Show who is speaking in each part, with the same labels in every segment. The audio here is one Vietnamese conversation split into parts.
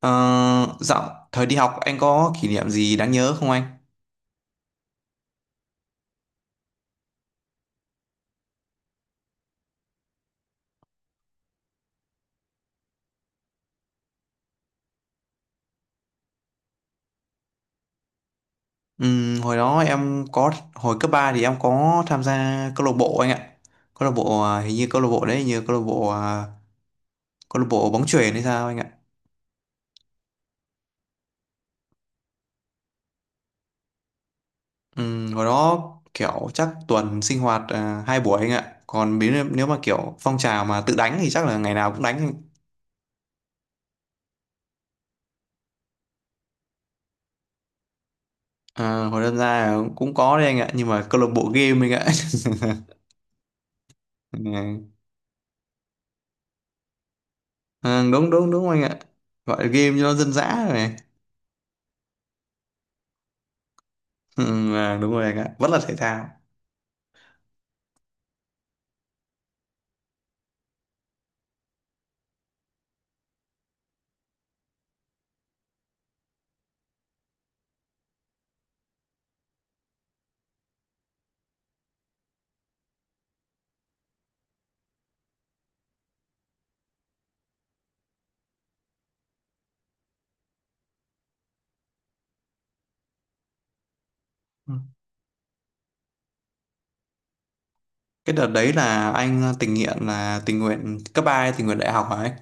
Speaker 1: Ờ, Dạo thời đi học anh có kỷ niệm gì đáng nhớ không anh? Hồi đó em có hồi cấp 3 thì em có tham gia câu lạc bộ anh ạ. Câu lạc bộ à, hình như câu lạc bộ đấy hình như câu lạc bộ à, câu lạc bộ bóng chuyền hay sao anh ạ. Hồi đó kiểu chắc tuần sinh hoạt à, 2 buổi anh ạ. Còn nếu nếu mà kiểu phong trào mà tự đánh thì chắc là ngày nào cũng đánh anh. À, hồi đơn ra cũng có đấy anh ạ nhưng mà câu lạc bộ game anh ạ. Ừ. À, đúng đúng đúng anh ạ, gọi là game cho nó dân dã rồi. Ừ, à, đúng rồi anh ạ, vẫn là thể thao. Ừ. Cái đợt đấy là anh à, tình nguyện là tình nguyện cấp ba hay tình nguyện đại học hả anh?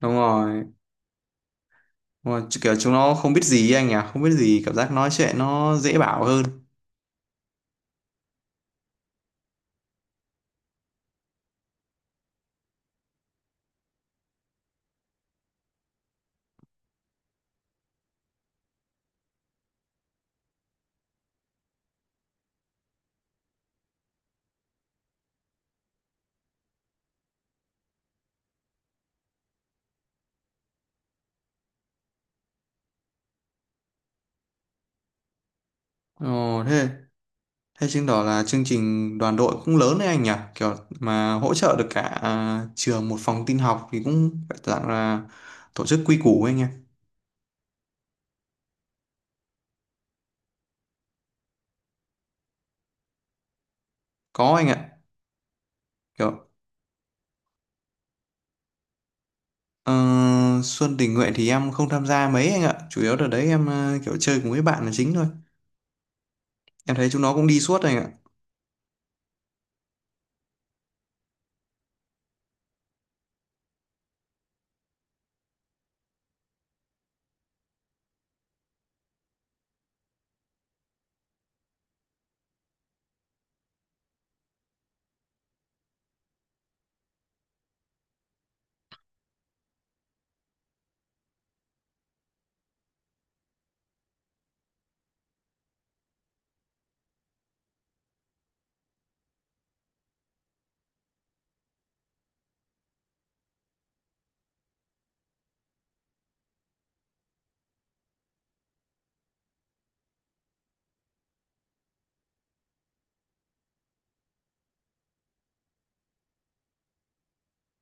Speaker 1: Đúng rồi, đúng rồi. Kiểu chúng nó không biết gì ấy anh nhỉ, không biết gì, cảm giác nói chuyện nó dễ bảo hơn. Ồ, thế thế chứng tỏ là chương trình đoàn đội cũng lớn đấy anh nhỉ, kiểu mà hỗ trợ được cả à, trường một phòng tin học thì cũng phải dạng là tổ chức quy củ ấy anh nhỉ. Có anh ạ, kiểu ờ, Xuân tình nguyện thì em không tham gia mấy anh ạ, chủ yếu đợt đấy em kiểu chơi cùng với bạn là chính thôi. Em thấy chúng nó cũng đi suốt anh ạ.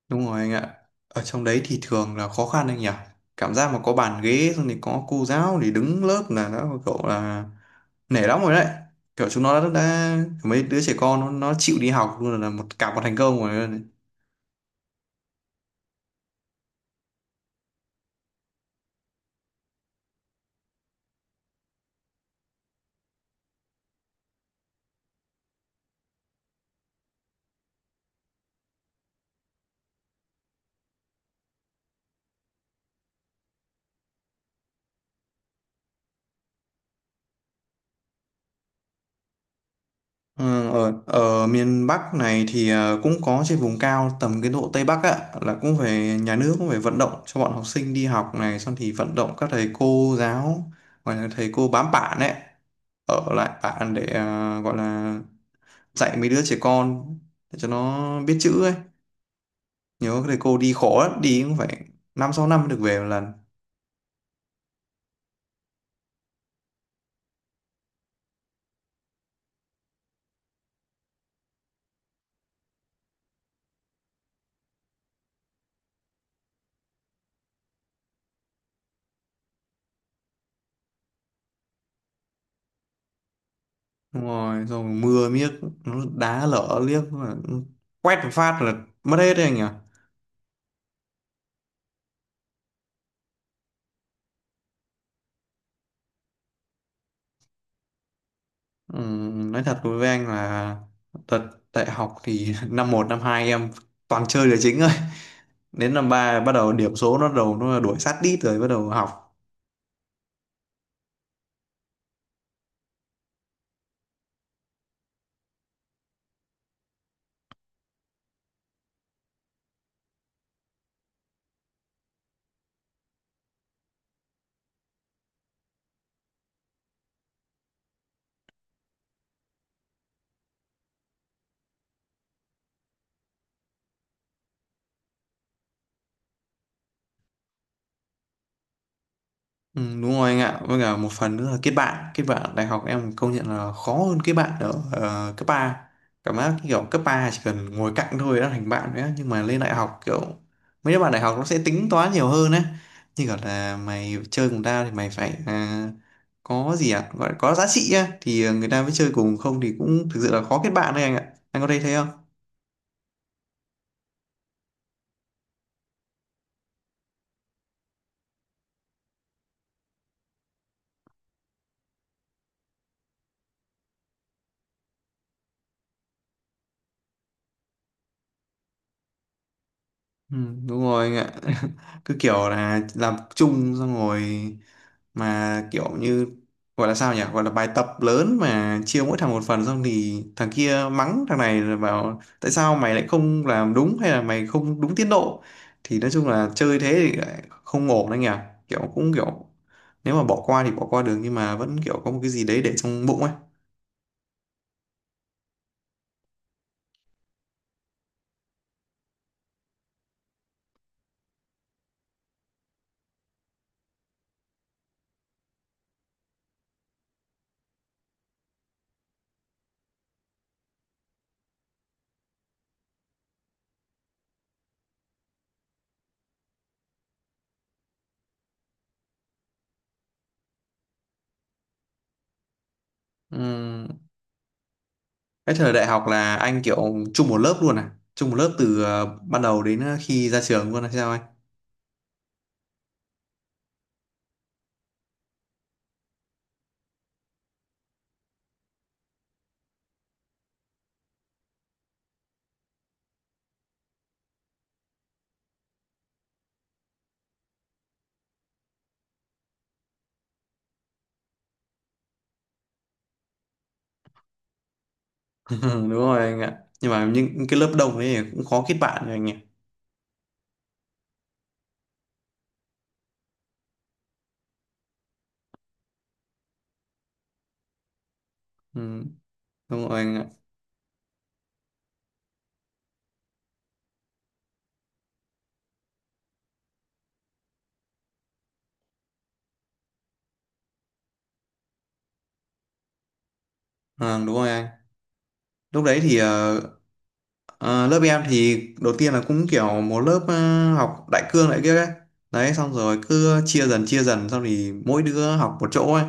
Speaker 1: Đúng rồi anh ạ. Ở trong đấy thì thường là khó khăn anh nhỉ. Cảm giác mà có bàn ghế xong thì có cô giáo thì đứng lớp là đã cậu là nể lắm rồi đấy. Kiểu chúng nó đã mấy đứa trẻ con nó chịu đi học luôn là cả một thành công rồi. Đấy. Ở miền Bắc này thì cũng có trên vùng cao tầm cái độ Tây Bắc á là cũng phải, nhà nước cũng phải vận động cho bọn học sinh đi học này, xong thì vận động các thầy cô giáo, gọi là thầy cô bám bản ấy, ở lại bản để gọi là dạy mấy đứa trẻ con để cho nó biết chữ ấy. Nhớ thầy cô đi khó lắm, đi cũng phải 5 6 năm mới được về một lần. Đúng rồi, rồi mưa miếc, nó đá lở liếc mà quét một phát là mất hết đấy anh nhỉ. Ừ, nói thật với anh là thật đại học thì năm 1 năm 2 em toàn chơi là chính thôi. Đến năm 3 bắt đầu điểm số nó đuổi sát đít rồi bắt đầu học. Ừ, đúng rồi anh ạ, với cả một phần nữa là kết bạn, kết bạn đại học em công nhận là khó hơn kết bạn ở cấp 3. Cảm giác cái kiểu cấp 3 chỉ cần ngồi cạnh thôi đã thành bạn nữa, nhưng mà lên đại học kiểu mấy đứa bạn đại học nó sẽ tính toán nhiều hơn á, như kiểu là mày chơi cùng tao thì mày phải à, có gì ạ, gọi là có giá trị á thì người ta mới chơi cùng, không thì cũng thực sự là khó kết bạn đấy anh ạ, anh có thấy thế không? Ừ, đúng rồi anh ạ. Cứ kiểu là làm chung xong rồi mà kiểu như gọi là sao nhỉ, gọi là bài tập lớn mà chia mỗi thằng một phần, xong thì thằng kia mắng thằng này là bảo tại sao mày lại không làm đúng hay là mày không đúng tiến độ, thì nói chung là chơi thế thì lại không ổn anh nhỉ. Kiểu cũng kiểu nếu mà bỏ qua thì bỏ qua được nhưng mà vẫn kiểu có một cái gì đấy để trong bụng ấy. Ừm, cái thời đại học là anh kiểu chung một lớp luôn à, chung một lớp từ ban đầu đến khi ra trường luôn hay sao anh? Đúng rồi anh ạ, nhưng mà những cái lớp đông ấy cũng khó kết bạn rồi anh nhỉ. Đúng rồi anh ạ. À, đúng rồi anh. Lúc đấy thì lớp em thì đầu tiên là cũng kiểu một lớp học đại cương lại kia ấy. Đấy, xong rồi cứ chia dần xong thì mỗi đứa học một chỗ ấy.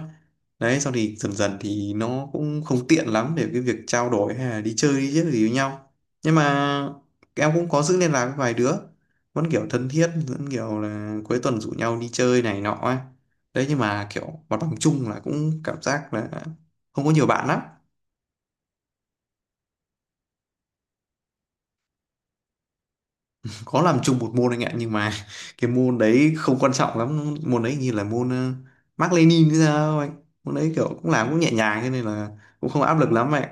Speaker 1: Đấy, xong thì dần dần thì nó cũng không tiện lắm để cái việc trao đổi hay là đi chơi đi chứ gì với nhau. Nhưng mà em cũng có giữ liên lạc với vài đứa, vẫn kiểu thân thiết, vẫn kiểu là cuối tuần rủ nhau đi chơi này nọ ấy. Đấy, nhưng mà kiểu hoạt động chung là cũng cảm giác là không có nhiều bạn lắm. Có làm chung một môn anh ạ, nhưng mà cái môn đấy không quan trọng lắm, môn đấy như là môn Mác Lênin hay sao anh, môn đấy kiểu cũng làm cũng nhẹ nhàng cho nên là cũng không áp lực lắm vậy.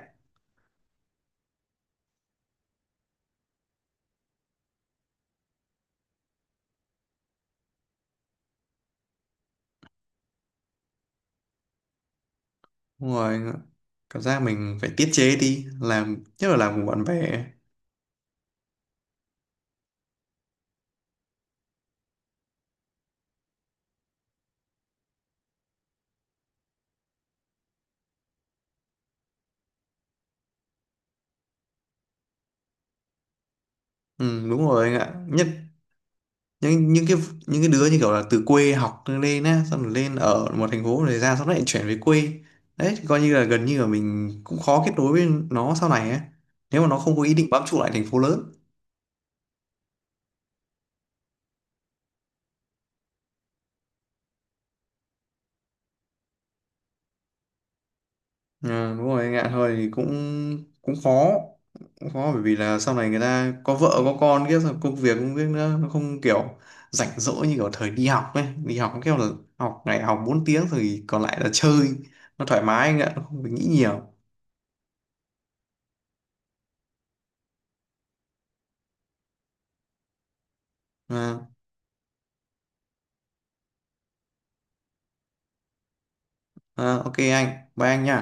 Speaker 1: Đúng rồi anh ạ, cảm giác mình phải tiết chế đi làm nhất là làm cùng bạn bè. Ừ, đúng rồi anh ạ, nhất những cái đứa như kiểu là từ quê học lên á, xong rồi lên ở một thành phố rồi ra, xong lại chuyển về quê, đấy thì coi như là gần như là mình cũng khó kết nối với nó sau này á, nếu mà nó không có ý định bám trụ lại thành phố lớn. Ờ, đúng rồi, ngạn hơi thì cũng cũng khó, cũng khó bởi vì là sau này người ta có vợ có con kia rồi, công việc nữa nó không kiểu rảnh rỗi như kiểu thời đi học ấy. Đi học kiểu là học ngày học 4 tiếng rồi còn lại là chơi, nó thoải mái anh ạ, nó không phải nghĩ nhiều. À, à, ok anh, bye anh nha.